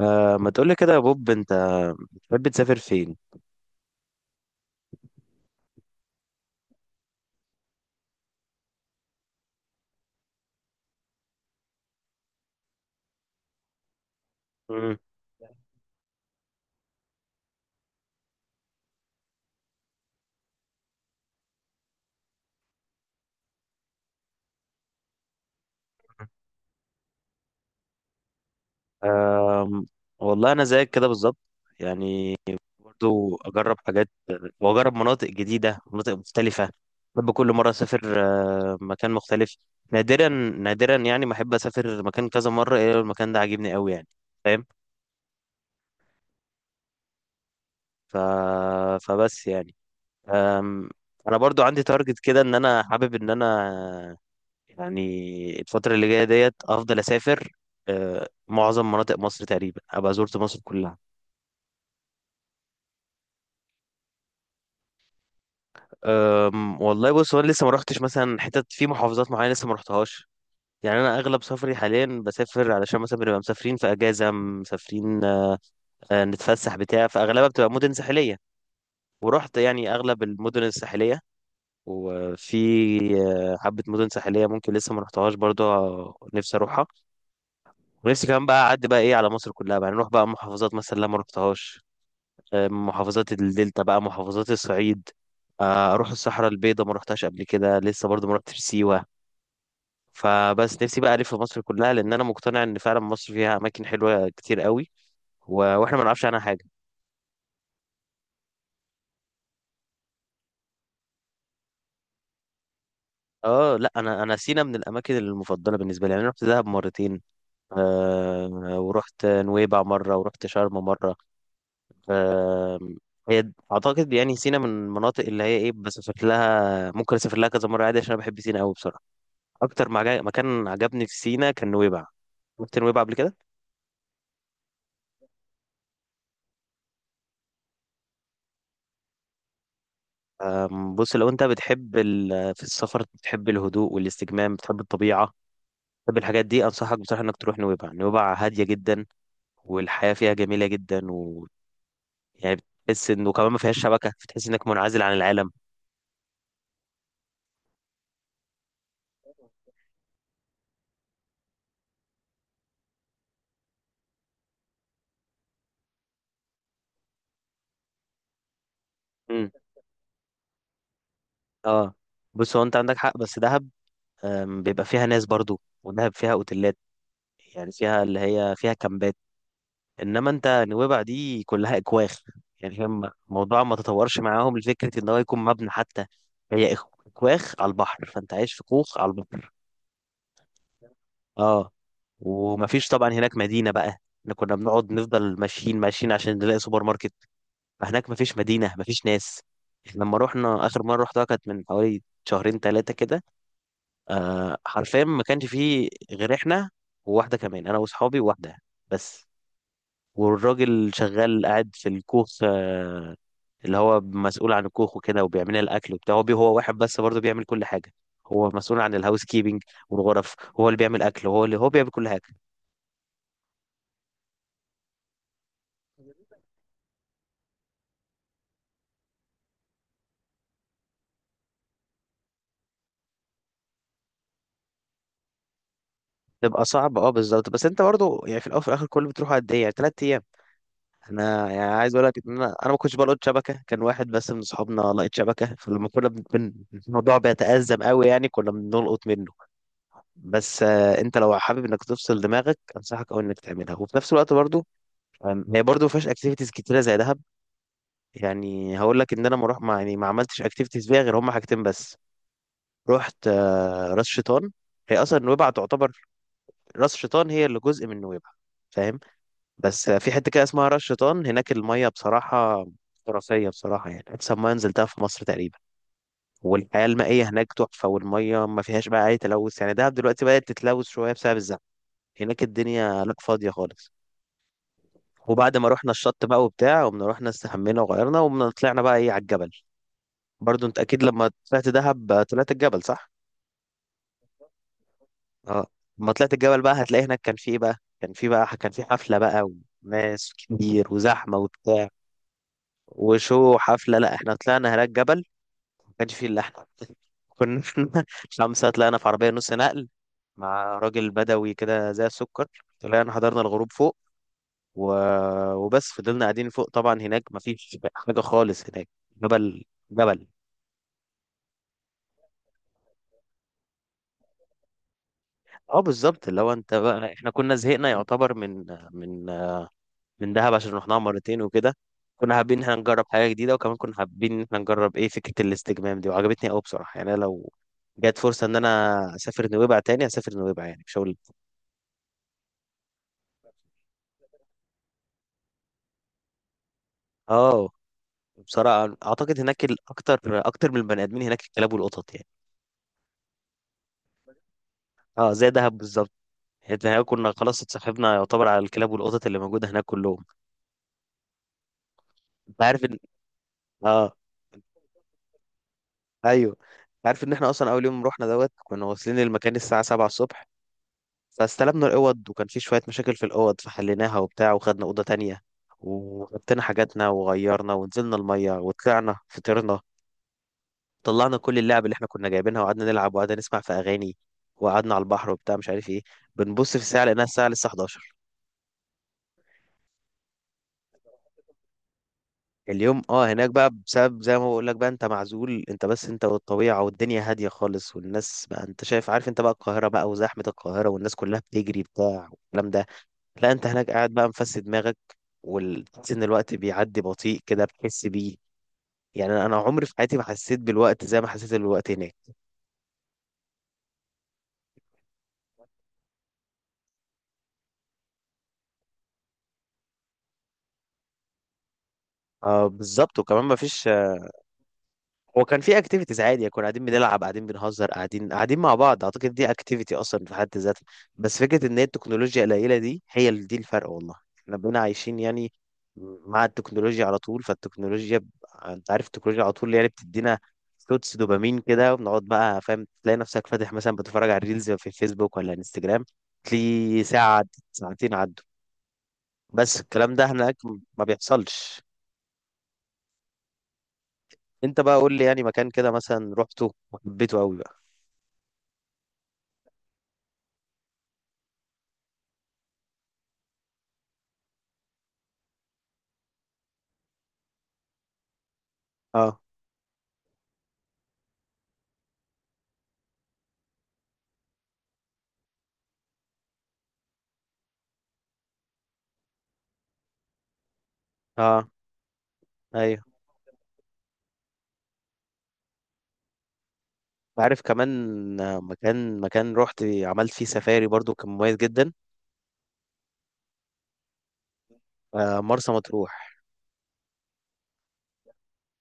آه، ما تقولي كده يا بوب؟ انت بتحب تسافر فين؟ مم. آه، والله انا زيك كده بالظبط، يعني برضو اجرب حاجات واجرب مناطق جديده، مناطق مختلفه. بحب كل مره اسافر مكان مختلف. نادرا نادرا يعني ما احب اسافر مكان كذا مره الا لو المكان ده عاجبني قوي، يعني فاهم. ف... فبس يعني، آم، انا برضو عندي تارجت كده ان انا حابب ان انا، يعني الفترة اللي جاية ديت أفضل أسافر. معظم مناطق مصر تقريبا أبقى زرت مصر كلها. والله بص هو أنا لسه ما رحتش مثلا حتت في محافظات معينة لسه ما رحتهاش. يعني أنا أغلب سفري حاليا بسافر علشان مثلا بنبقى مسافرين في أجازة مسافرين، نتفسح بتاع، فأغلبها بتبقى مدن ساحلية. ورحت يعني أغلب المدن الساحلية وفي حبة مدن ساحلية ممكن لسه ما رحتهاش برضه، نفسي أروحها. ونفسي كمان بقى أعدي بقى إيه على مصر كلها بقى، يعني نروح بقى محافظات مثلا لا ما رحتهاش، محافظات الدلتا بقى محافظات الصعيد. اروح الصحراء البيضاء ما رحتهاش قبل كده، لسه برضو ما رحتش سيوة. فبس نفسي بقى الف مصر كلها لان انا مقتنع ان فعلا مصر فيها اماكن حلوة كتير قوي، واحنا ما نعرفش عنها حاجة. اه لا انا سينا من الاماكن المفضله بالنسبه لي، يعني انا رحت دهب مرتين، آه ورحت نويبع مره ورحت شرم مره. آه، هي اعتقد يعني سينا من المناطق اللي هي ايه بس شكلها ممكن اسافر لها كذا مره عادي عشان انا بحب سينا قوي بصراحه. اكتر مكان عجبني في سينا كان نويبع. رحت نويبع قبل كده. بص لو انت بتحب في السفر بتحب الهدوء والاستجمام، بتحب الطبيعة، بتحب الحاجات دي، انصحك بصراحة انك تروح نويبع. نويبع هادية جدا والحياة فيها جميلة جدا، و يعني بتحس انه كمان ما فيهاش شبكة، بتحس انك منعزل عن العالم. امم. اه بص هو انت عندك حق بس دهب، بيبقى فيها ناس برضو. ودهب فيها اوتيلات، يعني فيها اللي هي فيها كامبات، انما انت نويبع دي كلها اكواخ، يعني فاهم الموضوع ما تطورش معاهم لفكره ان هو يكون مبنى حتى. هي اكواخ على البحر، فانت عايش في كوخ على البحر. اه ومفيش طبعا هناك مدينه بقى، احنا كنا بنقعد نفضل ماشيين ماشيين عشان نلاقي سوبر ماركت. فهناك مفيش مدينه مفيش ناس. إحنا لما رحنا اخر مره رحتها كانت من حوالي شهرين ثلاثه كده، آه حرفيا ما كانش فيه غير احنا وواحده كمان، انا واصحابي وواحده بس. والراجل شغال قاعد في الكوخ، آه، اللي هو مسؤول عن الكوخ وكده وبيعمل لنا الاكل وبتاع. هو هو واحد بس برضه بيعمل كل حاجه، هو مسؤول عن الهاوس كيبنج والغرف، هو اللي بيعمل اكل، هو اللي هو بيعمل كل حاجه. تبقى صعب، اه بالظبط، بس انت برضه يعني في الاول وفي الاخر كله بتروح قد ايه يعني ثلاث ايام. انا يعني عايز اقول لك ان انا ما كنتش بلقط شبكه، كان واحد بس من اصحابنا لقيت شبكه، فلما كنا الموضوع بيتأزم قوي يعني كنا بنلقط منه بس. انت لو حابب انك تفصل دماغك انصحك قوي انك تعملها، وفي نفس الوقت برضه، هي برضو ما فيهاش اكتيفيتيز كتيره زي دهب، يعني هقول لك ان انا ما روح ما يعني ما عملتش اكتيفيتيز فيها غير هم حاجتين بس. رحت راس شيطان. هي اصلا نويبع تعتبر، راس شيطان هي اللي جزء من نويبع، فاهم؟ بس في حته كده اسمها راس شيطان هناك الميه بصراحه خرافيه بصراحه، يعني احسن ميه نزلتها في مصر تقريبا. والحياه المائيه هناك تحفه، والميه ما فيهاش بقى اي تلوث. يعني دهب دلوقتي بدات تتلوث شويه بسبب الزحمه، هناك الدنيا لا فاضيه خالص. وبعد ما رحنا الشط بقى وبتاع، قمنا رحنا استحمينا وغيرنا، وقمنا طلعنا بقى ايه على الجبل. برضو انت اكيد لما طلعت دهب طلعت الجبل صح؟ اه لما طلعت الجبل بقى هتلاقي هناك كان في ايه بقى كان في بقى كان في حفلة بقى وناس كتير وزحمة وبتاع. وشو حفلة، لا احنا طلعنا هناك جبل ما كانش فيه الا احنا. كنا خمسة طلعنا في عربية نص نقل مع راجل بدوي كده زي السكر، طلعنا حضرنا الغروب فوق و... وبس فضلنا قاعدين فوق. طبعا هناك مفيش حاجة خالص هناك، جبل، جبل. اه بالظبط، لو انت بقى احنا كنا زهقنا يعتبر من من من دهب عشان رحناها مرتين وكده، كنا حابين ان احنا نجرب حاجة جديدة، وكمان كنا حابين ان احنا نجرب ايه فكرة الاستجمام دي، وعجبتني قوي بصراحة، يعني أنا لو جت فرصة ان انا اسافر نويبع تاني اسافر نويبع يعني مش هقول. اه بصراحة اعتقد هناك الاكتر، اكتر من البني ادمين هناك الكلاب والقطط، يعني اه زي دهب بالظبط. حته هناك كنا خلاص اتصاحبنا يعتبر على الكلاب والقطط اللي موجوده هناك كلهم. انت عارف ان، اه، ايوه، انت عارف ان احنا اصلا اول يوم رحنا دوت كنا واصلين المكان الساعه 7 الصبح. فاستلمنا الاوض وكان في شويه مشاكل في الاوض، فحليناها وبتاع وخدنا اوضه تانية، وحطينا حاجاتنا وغيرنا ونزلنا الميه وطلعنا فطرنا، طلعنا كل اللعب اللي احنا كنا جايبينها، وقعدنا نلعب وقعدنا نسمع في اغاني وقعدنا على البحر وبتاع مش عارف ايه، بنبص في الساعه لقيناها الساعه لسه 11. اليوم اه هناك بقى بسبب زي ما بقول لك بقى، انت معزول انت بس انت والطبيعة والدنيا هادية خالص، والناس بقى انت شايف عارف انت بقى القاهرة بقى وزحمة القاهرة والناس كلها بتجري بتاع والكلام ده. لا انت هناك قاعد بقى مفسد دماغك، وتحس ان الوقت بيعدي بطيء كده بتحس بيه، يعني انا عمري في حياتي ما حسيت بالوقت زي ما حسيت بالوقت هناك. آه بالظبط، وكمان مفيش، هو كان في اكتيفيتيز عادي كنا قاعدين بنلعب قاعدين بنهزر قاعدين قاعدين مع بعض، اعتقد دي اكتيفيتي اصلا في حد ذاتها. بس فكره ان هي التكنولوجيا القليله دي هي اللي دي الفرق، والله احنا بقينا عايشين يعني مع التكنولوجيا على طول، فالتكنولوجيا انت عارف التكنولوجيا على طول يعني بتدينا شوتس دوبامين كده، وبنقعد بقى فاهم تلاقي نفسك فاتح مثلا بتتفرج على الريلز في فيسبوك ولا انستجرام، تلاقي ساعه عدت، ساعتين عدوا، بس الكلام ده هناك ما بيحصلش. انت بقى قول لي يعني مكان كده مثلا رحته وحبيته قوي بقى. اه اه ايوه عارف كمان، مكان رحت عملت فيه سفاري برضو كان مميز جدا، مرسى مطروح.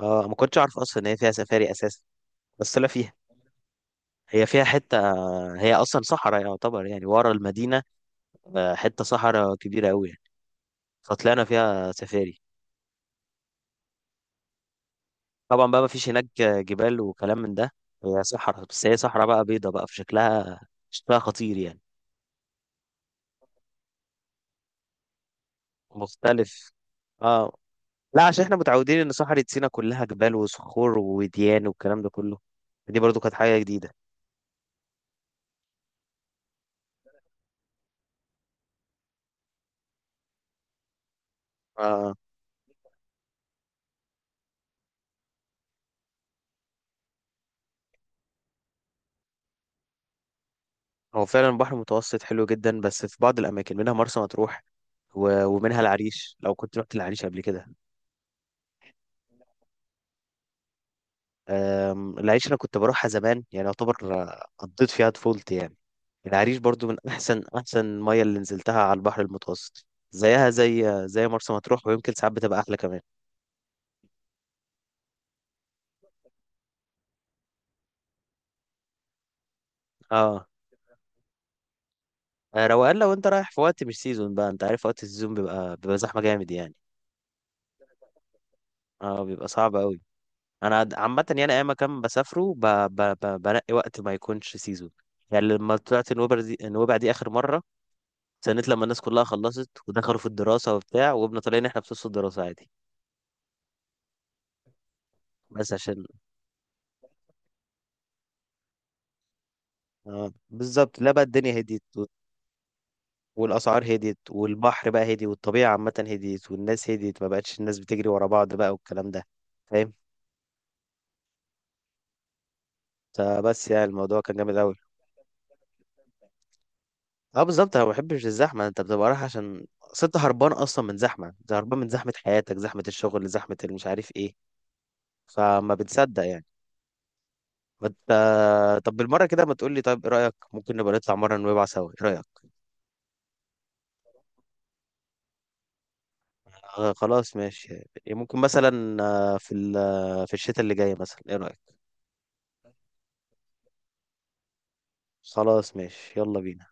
اه ما كنتش اعرف اصلا ان هي فيها سفاري اساسا، بس طلع فيها، هي فيها حته، هي اصلا صحراء يعتبر يعني ورا المدينه، حته صحراء كبيره قوي يعني. فطلعنا فيها سفاري، طبعا بقى ما فيش هناك جبال وكلام من ده، هي صحراء بس هي صحراء بقى بيضه بقى في شكلها، شكلها خطير يعني. مختلف، اه لا عشان احنا متعودين ان صحراء سيناء كلها جبال وصخور وديان والكلام ده كله، دي برضو كانت حاجة جديدة. آه. هو فعلا البحر المتوسط حلو جدا بس في بعض الأماكن منها مرسى مطروح ومنها العريش، لو كنت رحت العريش قبل كده. العريش أنا كنت بروحها زمان يعني يعتبر، قضيت فيها طفولتي يعني، العريش برضو من أحسن أحسن مية اللي نزلتها على البحر المتوسط زيها زي زي مرسى مطروح، ويمكن ساعات بتبقى أحلى كمان. اه روقان، لو انت رايح في وقت مش سيزون بقى انت عارف وقت السيزون بيبقى زحمه جامد يعني. اه بيبقى صعب قوي، انا عامه يعني اي مكان بسافره بنقي وقت ما يكونش سيزون، يعني لما طلعت النوبة دي النوبة دي اخر مره استنيت لما الناس كلها خلصت ودخلوا في الدراسه وبتاع، وقمنا طالعين احنا في نص الدراسه عادي. بس عشان، اه بالظبط، لا بقى الدنيا هديت والاسعار هديت والبحر بقى هدي والطبيعه عامه هديت والناس هديت، ما بقتش الناس بتجري ورا بعض بقى والكلام ده، فاهم، فبس يعني الموضوع كان جامد قوي. اه بالظبط انا ما بحبش الزحمه، انت بتبقى رايح عشان ست هربان اصلا من زحمه، انت هربان من زحمه حياتك زحمه الشغل زحمه اللي مش عارف ايه، فما بتصدق يعني، ما انت، طب بالمره كده ما تقول لي طيب ايه رايك ممكن نبقى نطلع مره نويبع سوا، ايه رايك؟ آه خلاص ماشي. ممكن مثلا آه، في ال- آه، في الشتاء اللي جاي مثلا ايه رايك؟ خلاص ماشي يلا بينا.